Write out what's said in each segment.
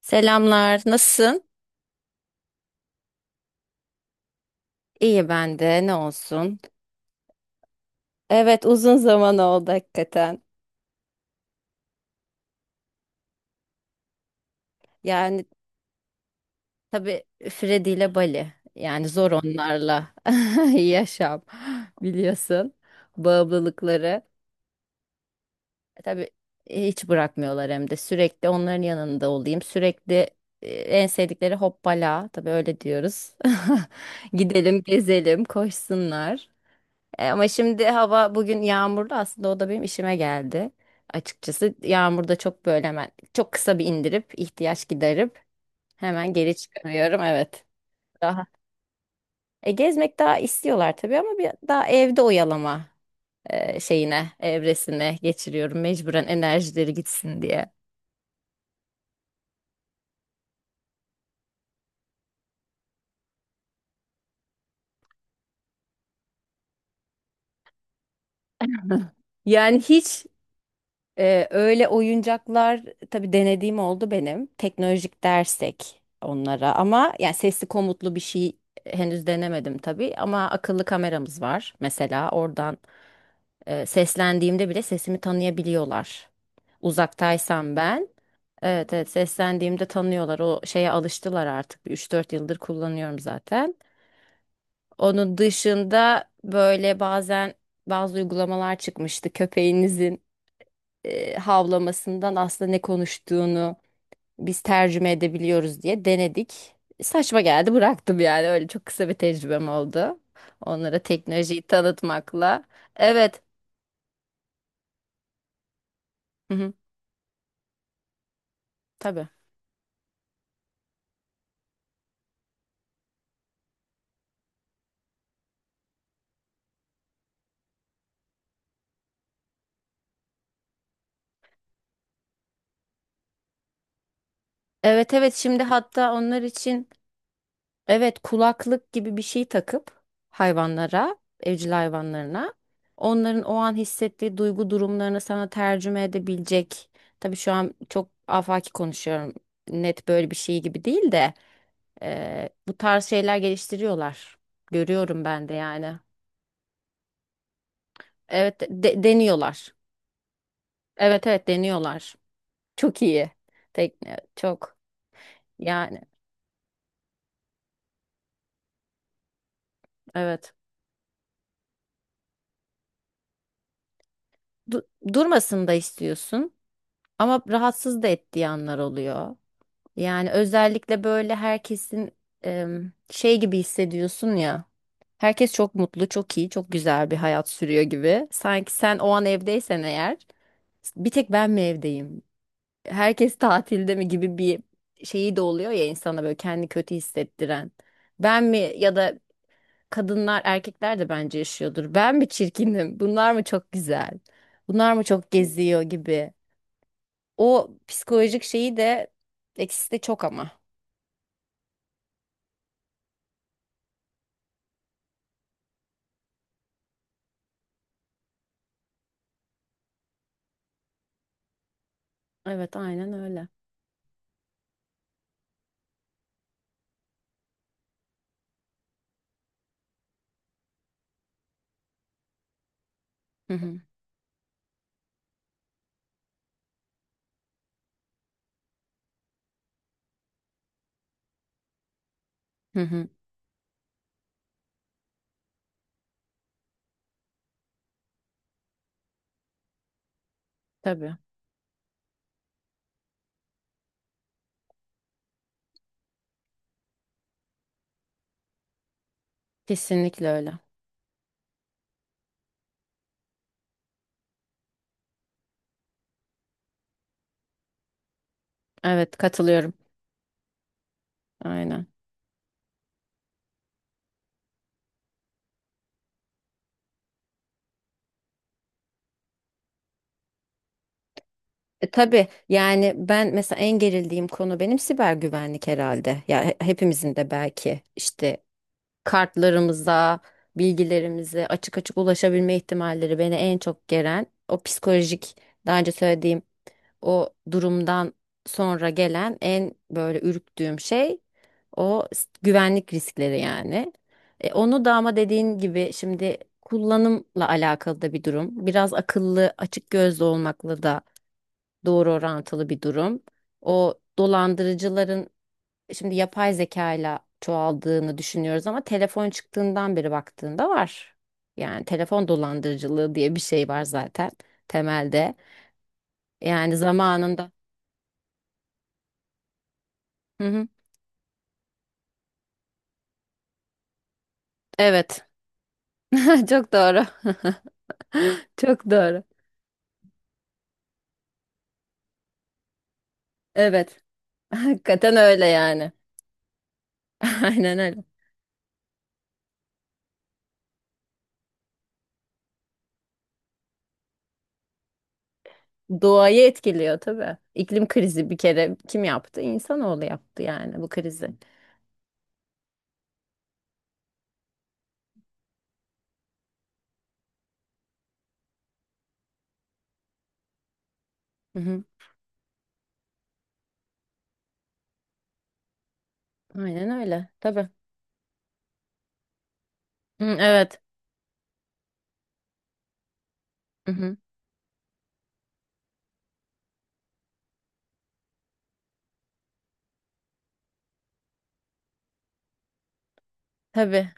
Selamlar, nasılsın? İyi ben de, ne olsun. Evet, uzun zaman oldu hakikaten. Yani tabii Fredi ile Bali. Yani zor onlarla yaşam biliyorsun. Bağımlılıkları. Tabii hiç bırakmıyorlar hem de sürekli onların yanında olayım. Sürekli en sevdikleri hoppala. Tabii öyle diyoruz. Gidelim, gezelim, koşsunlar. Ama şimdi hava bugün yağmurlu, aslında o da benim işime geldi. Açıkçası yağmurda çok böyle hemen çok kısa bir indirip ihtiyaç giderip hemen geri çıkarıyorum, evet. Daha. Gezmek daha istiyorlar tabii, ama bir daha evde oyalama şeyine, evresine geçiriyorum mecburen, enerjileri gitsin diye. Yani hiç öyle oyuncaklar tabii denediğim oldu benim. Teknolojik dersek onlara, ama yani sesli komutlu bir şey henüz denemedim tabii, ama akıllı kameramız var mesela, oradan seslendiğimde bile sesimi tanıyabiliyorlar. Uzaktaysam ben, evet evet, seslendiğimde tanıyorlar, o şeye alıştılar artık. Bir 3-4 yıldır kullanıyorum zaten. Onun dışında böyle bazen bazı uygulamalar çıkmıştı, köpeğinizin havlamasından aslında ne konuştuğunu biz tercüme edebiliyoruz diye denedik. Saçma geldi, bıraktım yani, öyle çok kısa bir tecrübem oldu. Onlara teknolojiyi tanıtmakla. Evet. Hı hı, tabii. Evet evet, şimdi hatta onlar için, evet, kulaklık gibi bir şey takıp hayvanlara, evcil hayvanlarına, onların o an hissettiği duygu durumlarını sana tercüme edebilecek. Tabii şu an çok afaki konuşuyorum. Net böyle bir şey gibi değil de bu tarz şeyler geliştiriyorlar. Görüyorum ben de yani. Evet, deniyorlar. Evet evet, deniyorlar. Çok iyi. Tekne çok, yani evet. Du- Durmasını da istiyorsun, ama rahatsız da ettiği anlar oluyor. Yani özellikle böyle herkesin şey gibi hissediyorsun ya. Herkes çok mutlu, çok iyi, çok güzel bir hayat sürüyor gibi. Sanki sen o an evdeysen eğer, bir tek ben mi evdeyim? Herkes tatilde mi gibi bir şeyi de oluyor ya, insana böyle kendi kötü hissettiren. Ben mi, ya da kadınlar erkekler de bence yaşıyordur, ben mi çirkinim? Bunlar mı çok güzel? Bunlar mı çok geziyor gibi. O psikolojik şeyi de, eksisi de çok ama. Evet, aynen öyle. Hı hı. Hı hı. Tabii. Kesinlikle öyle. Evet, katılıyorum. Aynen. Tabii yani ben mesela en gerildiğim konu benim siber güvenlik herhalde. Ya hepimizin de belki işte kartlarımıza, bilgilerimize açık açık ulaşabilme ihtimalleri beni en çok geren, o psikolojik daha önce söylediğim o durumdan sonra gelen en böyle ürktüğüm şey, o güvenlik riskleri yani. Onu da, ama dediğin gibi şimdi kullanımla alakalı da bir durum. Biraz akıllı, açık gözlü olmakla da doğru orantılı bir durum. O dolandırıcıların, şimdi yapay zekayla çoğaldığını düşünüyoruz ama telefon çıktığından beri baktığında var. Yani telefon dolandırıcılığı diye bir şey var zaten temelde. Yani zamanında. Hı hı. Evet. Çok doğru. Çok doğru. Evet. Hakikaten öyle yani. Aynen öyle. Doğayı etkiliyor tabii. İklim krizi bir kere kim yaptı? İnsanoğlu yaptı yani, bu krizi. Hı hı. Aynen öyle. Tabii. Hı, evet. Hı hı. Tabii.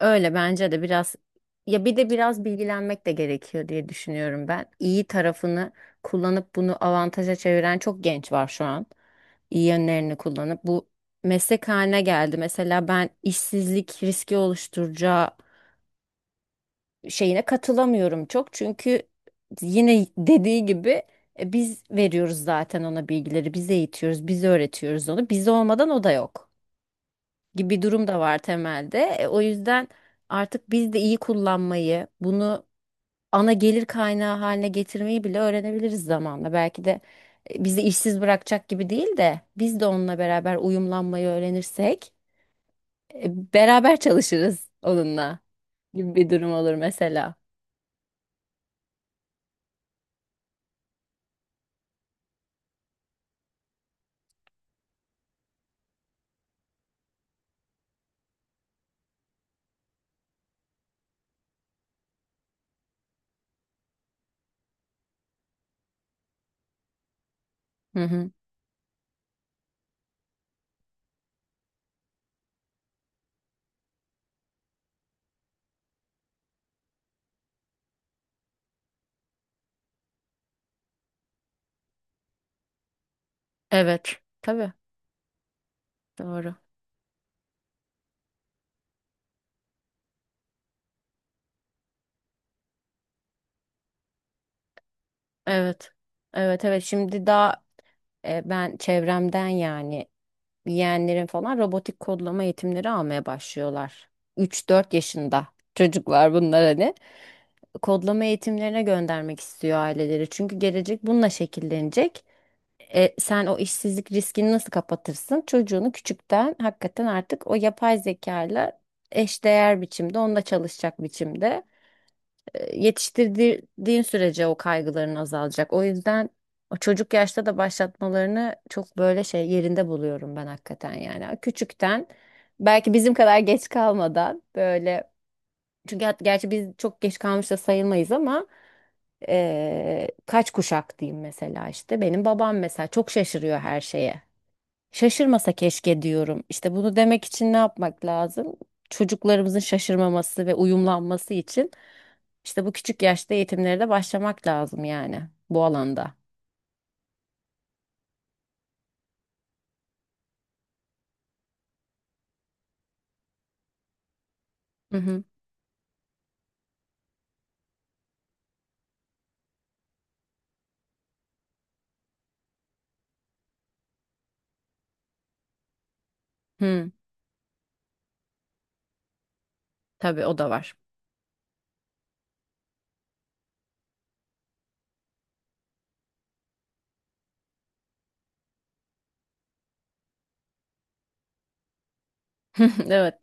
Öyle, bence de biraz, ya bir de biraz bilgilenmek de gerekiyor diye düşünüyorum ben. İyi tarafını kullanıp bunu avantaja çeviren çok genç var şu an. İyi yönlerini kullanıp bu meslek haline geldi. Mesela ben işsizlik riski oluşturacağı şeyine katılamıyorum çok. Çünkü yine dediği gibi, biz veriyoruz zaten ona bilgileri, biz eğitiyoruz, biz öğretiyoruz onu. Biz olmadan o da yok gibi durum da var temelde. O yüzden artık biz de iyi kullanmayı, bunu ana gelir kaynağı haline getirmeyi bile öğrenebiliriz zamanla. Belki de bizi işsiz bırakacak gibi değil de, biz de onunla beraber uyumlanmayı öğrenirsek beraber çalışırız onunla gibi bir durum olur mesela. Hı hı. Evet. Tabii. Doğru. Evet. Evet evet. Şimdi daha ben çevremden yani, yeğenlerin falan robotik kodlama eğitimleri almaya başlıyorlar. 3-4 yaşında çocuklar bunlar hani. Kodlama eğitimlerine göndermek istiyor aileleri. Çünkü gelecek bununla şekillenecek. Sen o işsizlik riskini nasıl kapatırsın? Çocuğunu küçükten hakikaten artık o yapay zekayla eşdeğer biçimde, onunla çalışacak biçimde yetiştirdiğin sürece o kaygıların azalacak. O yüzden o çocuk yaşta da başlatmalarını çok böyle şey, yerinde buluyorum ben hakikaten yani. Küçükten, belki bizim kadar geç kalmadan, böyle, çünkü gerçi biz çok geç kalmış da sayılmayız ama, kaç kuşak diyeyim mesela, işte benim babam mesela çok şaşırıyor her şeye. Şaşırmasa keşke diyorum. İşte bunu demek için ne yapmak lazım? Çocuklarımızın şaşırmaması ve uyumlanması için işte bu küçük yaşta eğitimlere de başlamak lazım yani, bu alanda. Hı hı. Hı. Tabii o da var. Evet,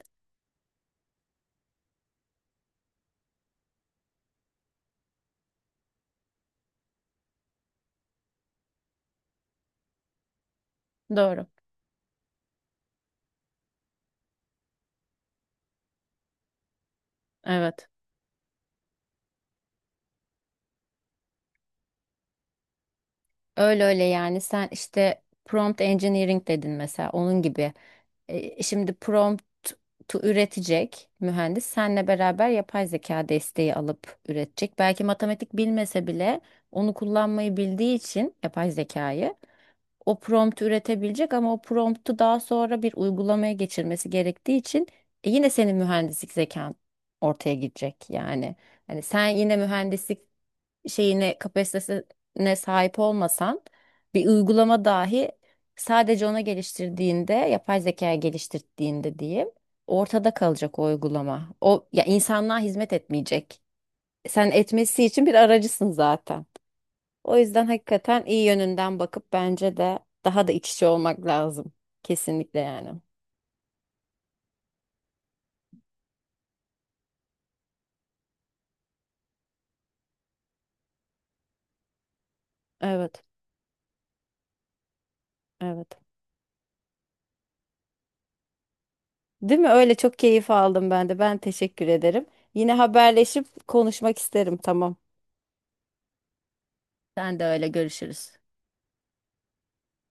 doğru. Evet. Öyle öyle yani, sen işte prompt engineering dedin mesela, onun gibi. Şimdi prompt üretecek mühendis senle beraber yapay zeka desteği alıp üretecek. Belki matematik bilmese bile onu kullanmayı bildiği için yapay zekayı, o prompt üretebilecek, ama o promptu daha sonra bir uygulamaya geçirmesi gerektiği için yine senin mühendislik zekan ortaya gidecek yani. Hani sen yine mühendislik şeyine, kapasitesine sahip olmasan, bir uygulama dahi sadece ona geliştirdiğinde, yapay zekaya geliştirdiğinde diyeyim, ortada kalacak o uygulama. O, ya, insanlığa hizmet etmeyecek. Sen etmesi için bir aracısın zaten. O yüzden hakikaten iyi yönünden bakıp bence de daha da iç içe olmak lazım. Kesinlikle yani. Evet, evet. Değil mi? Öyle, çok keyif aldım ben de. Ben teşekkür ederim. Yine haberleşip konuşmak isterim. Tamam. Sen de öyle, görüşürüz.